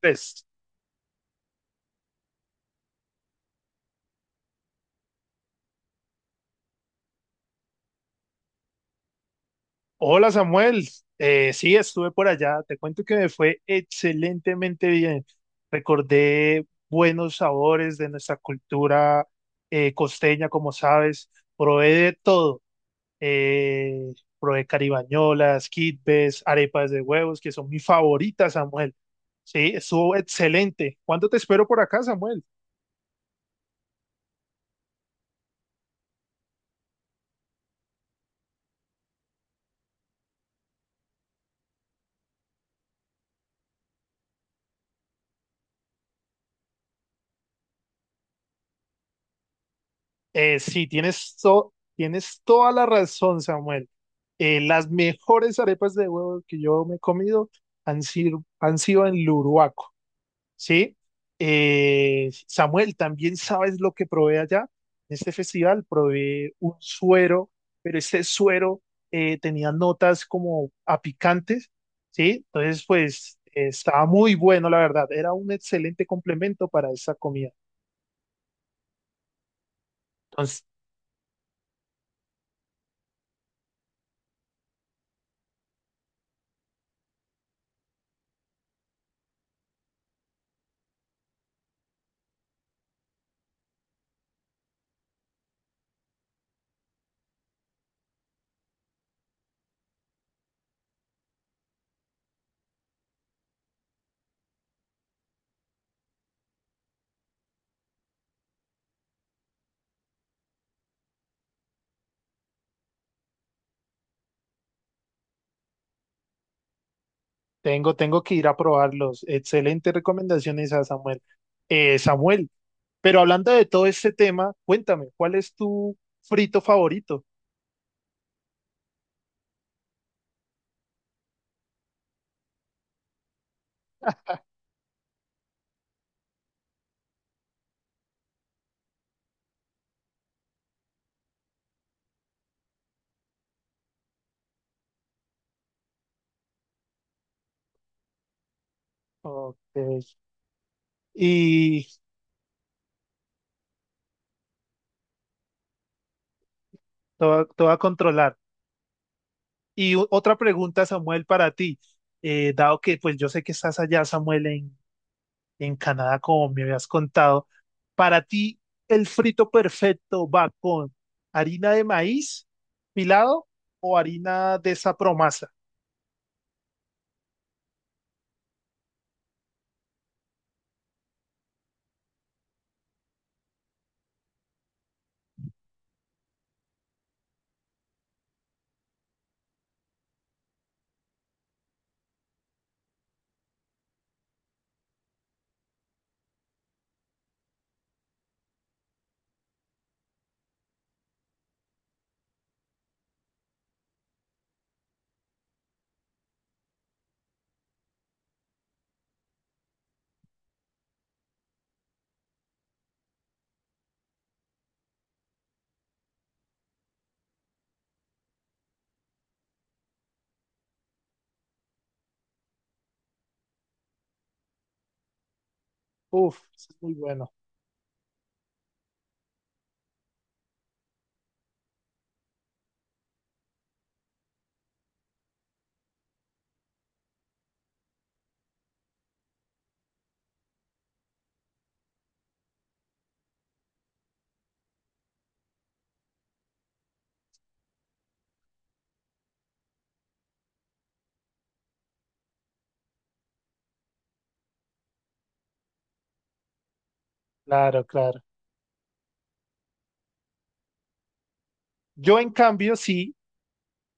Pues, hola Samuel. Sí, estuve por allá, te cuento que me fue excelentemente bien. Recordé buenos sabores de nuestra cultura costeña, como sabes, probé de todo. Eh, Probé caribañolas, quitbes, arepas de huevos, que son mis favoritas, Samuel. Sí, estuvo excelente. ¿Cuándo te espero por acá, Samuel? Sí, tienes toda la razón, Samuel. Las mejores arepas de huevo que yo me he comido han sido en Luruaco, ¿sí? Samuel, también sabes lo que probé allá. En este festival probé un suero, pero este suero tenía notas como a picantes, ¿sí? Entonces, pues, estaba muy bueno, la verdad. Era un excelente complemento para esa comida. Tengo que ir a probarlos. Excelentes recomendaciones a Samuel. Samuel, pero hablando de todo este tema, cuéntame, ¿cuál es tu frito favorito? Ok. Y todo a controlar. Otra pregunta, Samuel, para ti. Dado que pues yo sé que estás allá, Samuel, en Canadá, como me habías contado, para ti el frito perfecto va con harina de maíz pilado o harina de esa promasa. Uf, eso es muy bueno. Claro, claro. Yo en cambio sí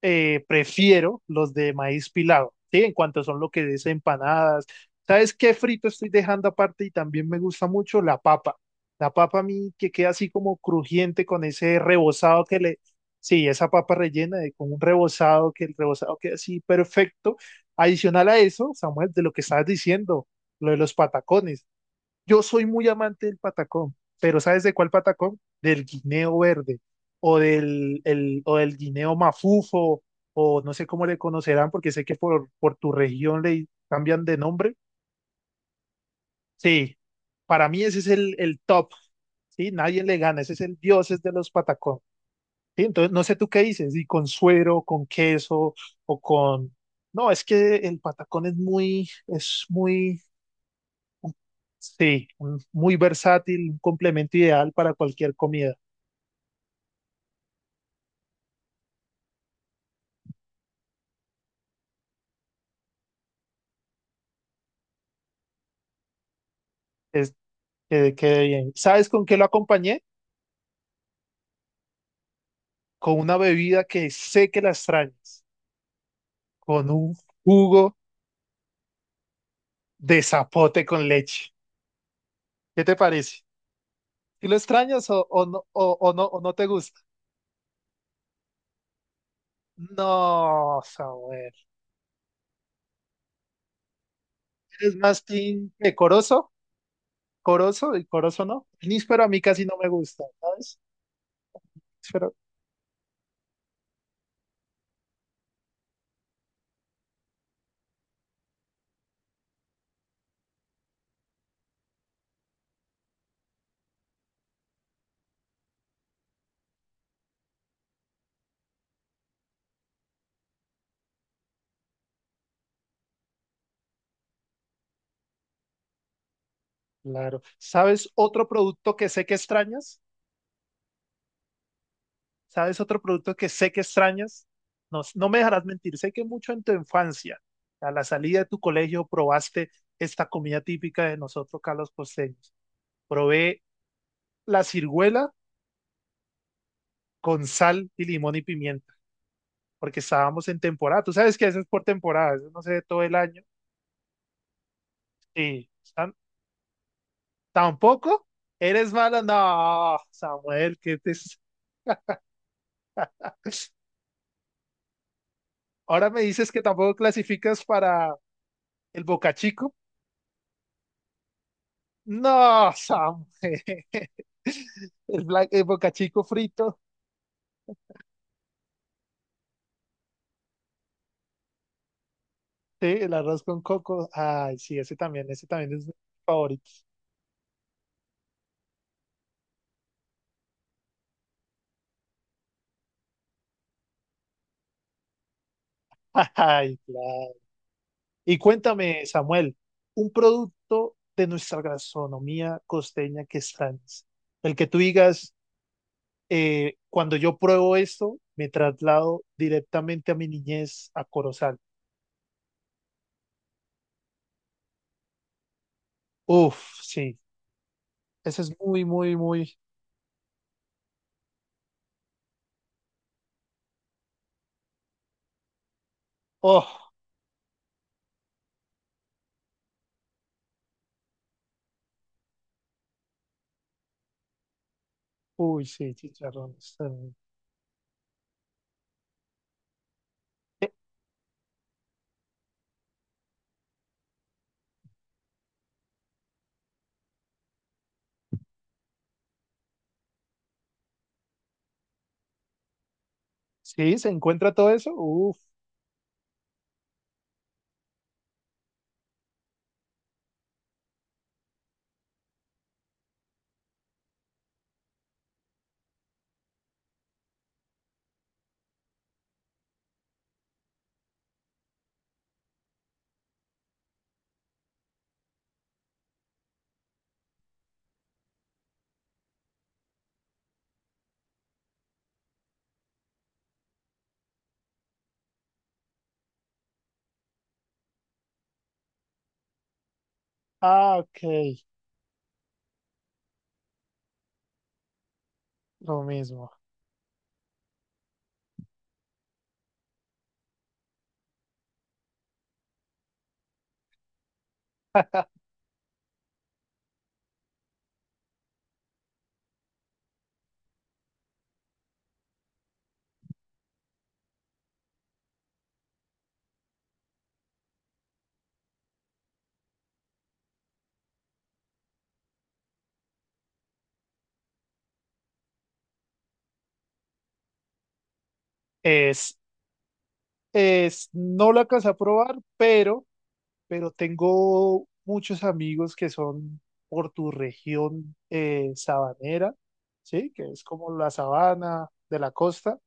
prefiero los de maíz pilado, ¿sí? En cuanto son lo que es empanadas. ¿Sabes qué frito estoy dejando aparte y también me gusta mucho? La papa. La papa a mí que queda así como crujiente con ese rebozado que le... Sí, esa papa rellena de, con un rebozado, que el rebozado queda así perfecto. Adicional a eso, Samuel, de lo que estabas diciendo, lo de los patacones. Yo soy muy amante del patacón, pero ¿sabes de cuál patacón? Del guineo verde o del guineo mafufo o no sé cómo le conocerán porque sé que por tu región le cambian de nombre. Sí, para mí ese es el top, ¿sí? Nadie le gana, ese es el dios es de los patacón. ¿Sí? Entonces, no sé tú qué dices, y con suero, con queso o con... No, es que el patacón es muy Sí, un- muy versátil, un complemento ideal para cualquier comida. Es, que quede bien. ¿Sabes con qué lo acompañé? Con una bebida que sé que la extrañas, con un jugo de zapote con leche. ¿Qué te parece? ¿Si lo extrañas o no te gusta? No, Samuel. ¿Eres más team de corozo? ¿Corozo? ¿Y corozo no? Níspero a mí casi no me gusta, ¿sabes? Pero, claro. ¿Sabes otro producto que sé que extrañas? ¿Sabes otro producto que sé que extrañas? No, no me dejarás mentir, sé que mucho en tu infancia, a la salida de tu colegio, probaste esta comida típica de nosotros, Carlos Costeños. Probé la ciruela con sal y limón y pimienta, porque estábamos en temporada. Tú sabes que eso es por temporada, eso no se ve todo el año. Sí. tan- Tampoco eres mala, no, Samuel, que te... Ahora me dices que tampoco clasificas para el Boca Chico. No, Samuel. El bocachico frito, sí, el arroz con coco. Ay, sí, ese también es mi favorito. Ay, claro. Y cuéntame, Samuel, un producto de nuestra gastronomía costeña que extrañas. El que tú digas, cuando yo pruebo esto, me traslado directamente a mi niñez a Corozal. Uf, sí, ese es muy, muy, muy. Oh, uy, sí, chicharrones. eh, Sí, se encuentra todo eso. Uf, ah, ok, lo mismo. Es, es, no la alcancé a probar, pero tengo muchos amigos que son por tu región sabanera, ¿sí? Que es como la sabana de la costa.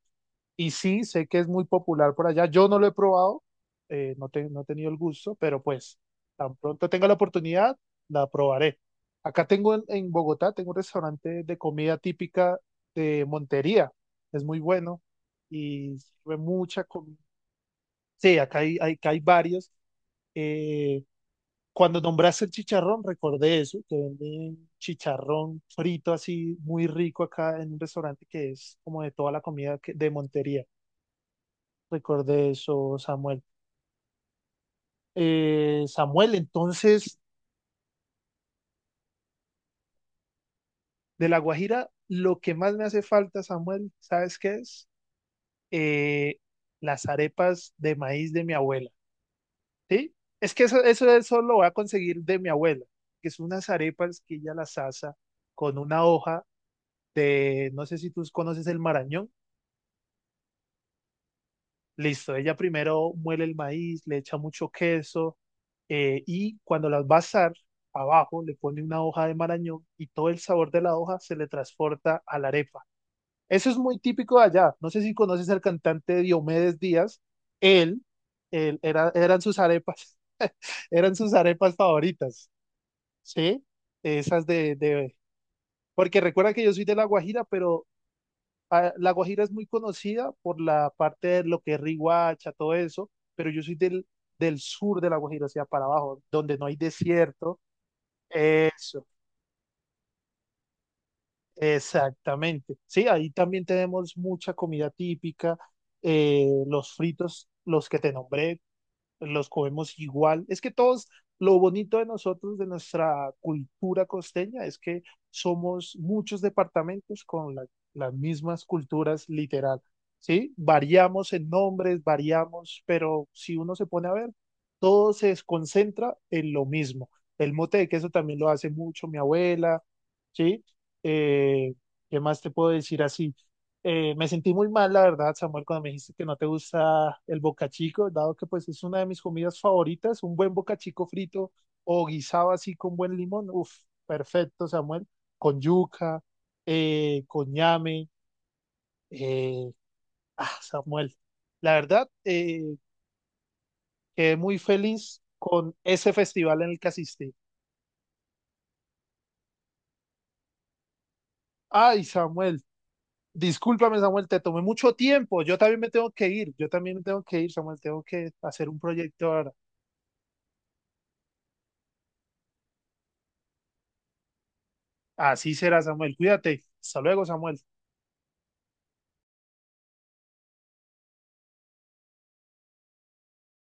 Y sí, sé que es muy popular por allá. Yo no lo he probado, no he tenido el gusto, pero pues tan pronto tenga la oportunidad, la probaré. Acá tengo en Bogotá, tengo un restaurante de comida típica de Montería. Es muy bueno y sirve mucha comida. Sí, acá acá hay varios. Eh, cuando nombraste el chicharrón, recordé eso, que venden chicharrón frito así muy rico acá en un restaurante que es como de toda la comida de Montería. Recordé eso, Samuel. Samuel, entonces, de La Guajira, lo que más me hace falta, Samuel, ¿sabes qué es? Eh, las arepas de maíz de mi abuela. Sí, es que eso lo voy a conseguir de mi abuela, que son unas arepas que ella las asa con una hoja de, no sé si tú conoces el marañón. Listo, ella primero muele el maíz, le echa mucho queso y cuando las va a asar, abajo le pone una hoja de marañón y todo el sabor de la hoja se le transporta a la arepa. Eso es muy típico de allá. No sé si conoces al cantante Diomedes Díaz. Él, Él era, eran sus arepas, eran sus arepas favoritas. Sí, esas porque recuerda que yo soy de La Guajira, pero ah, La Guajira es muy conocida por la parte de lo que es Riohacha, todo eso, pero yo soy del sur de La Guajira, o sea, para abajo, donde no hay desierto. Eso, exactamente. Sí, ahí también tenemos mucha comida típica, los fritos, los que te nombré, los comemos igual. Es que todos, lo bonito de nosotros, de nuestra cultura costeña, es que somos muchos departamentos con las mismas culturas literal, ¿sí? Variamos en nombres, variamos, pero si uno se pone a ver, todo se concentra en lo mismo. El mote de queso también lo hace mucho mi abuela, ¿sí? Eh, ¿qué más te puedo decir así? Me sentí muy mal, la verdad, Samuel, cuando me dijiste que no te gusta el bocachico, dado que pues es una de mis comidas favoritas, un buen bocachico frito o guisado así con buen limón. Uf, perfecto, Samuel, con yuca, con ñame. eh, Samuel, la verdad, quedé muy feliz con ese festival en el que asistí. Ay, Samuel, discúlpame, Samuel, te tomé mucho tiempo. Yo también me tengo que ir, Samuel, tengo que hacer un proyecto ahora. Así será, Samuel. Cuídate. Hasta luego, Samuel.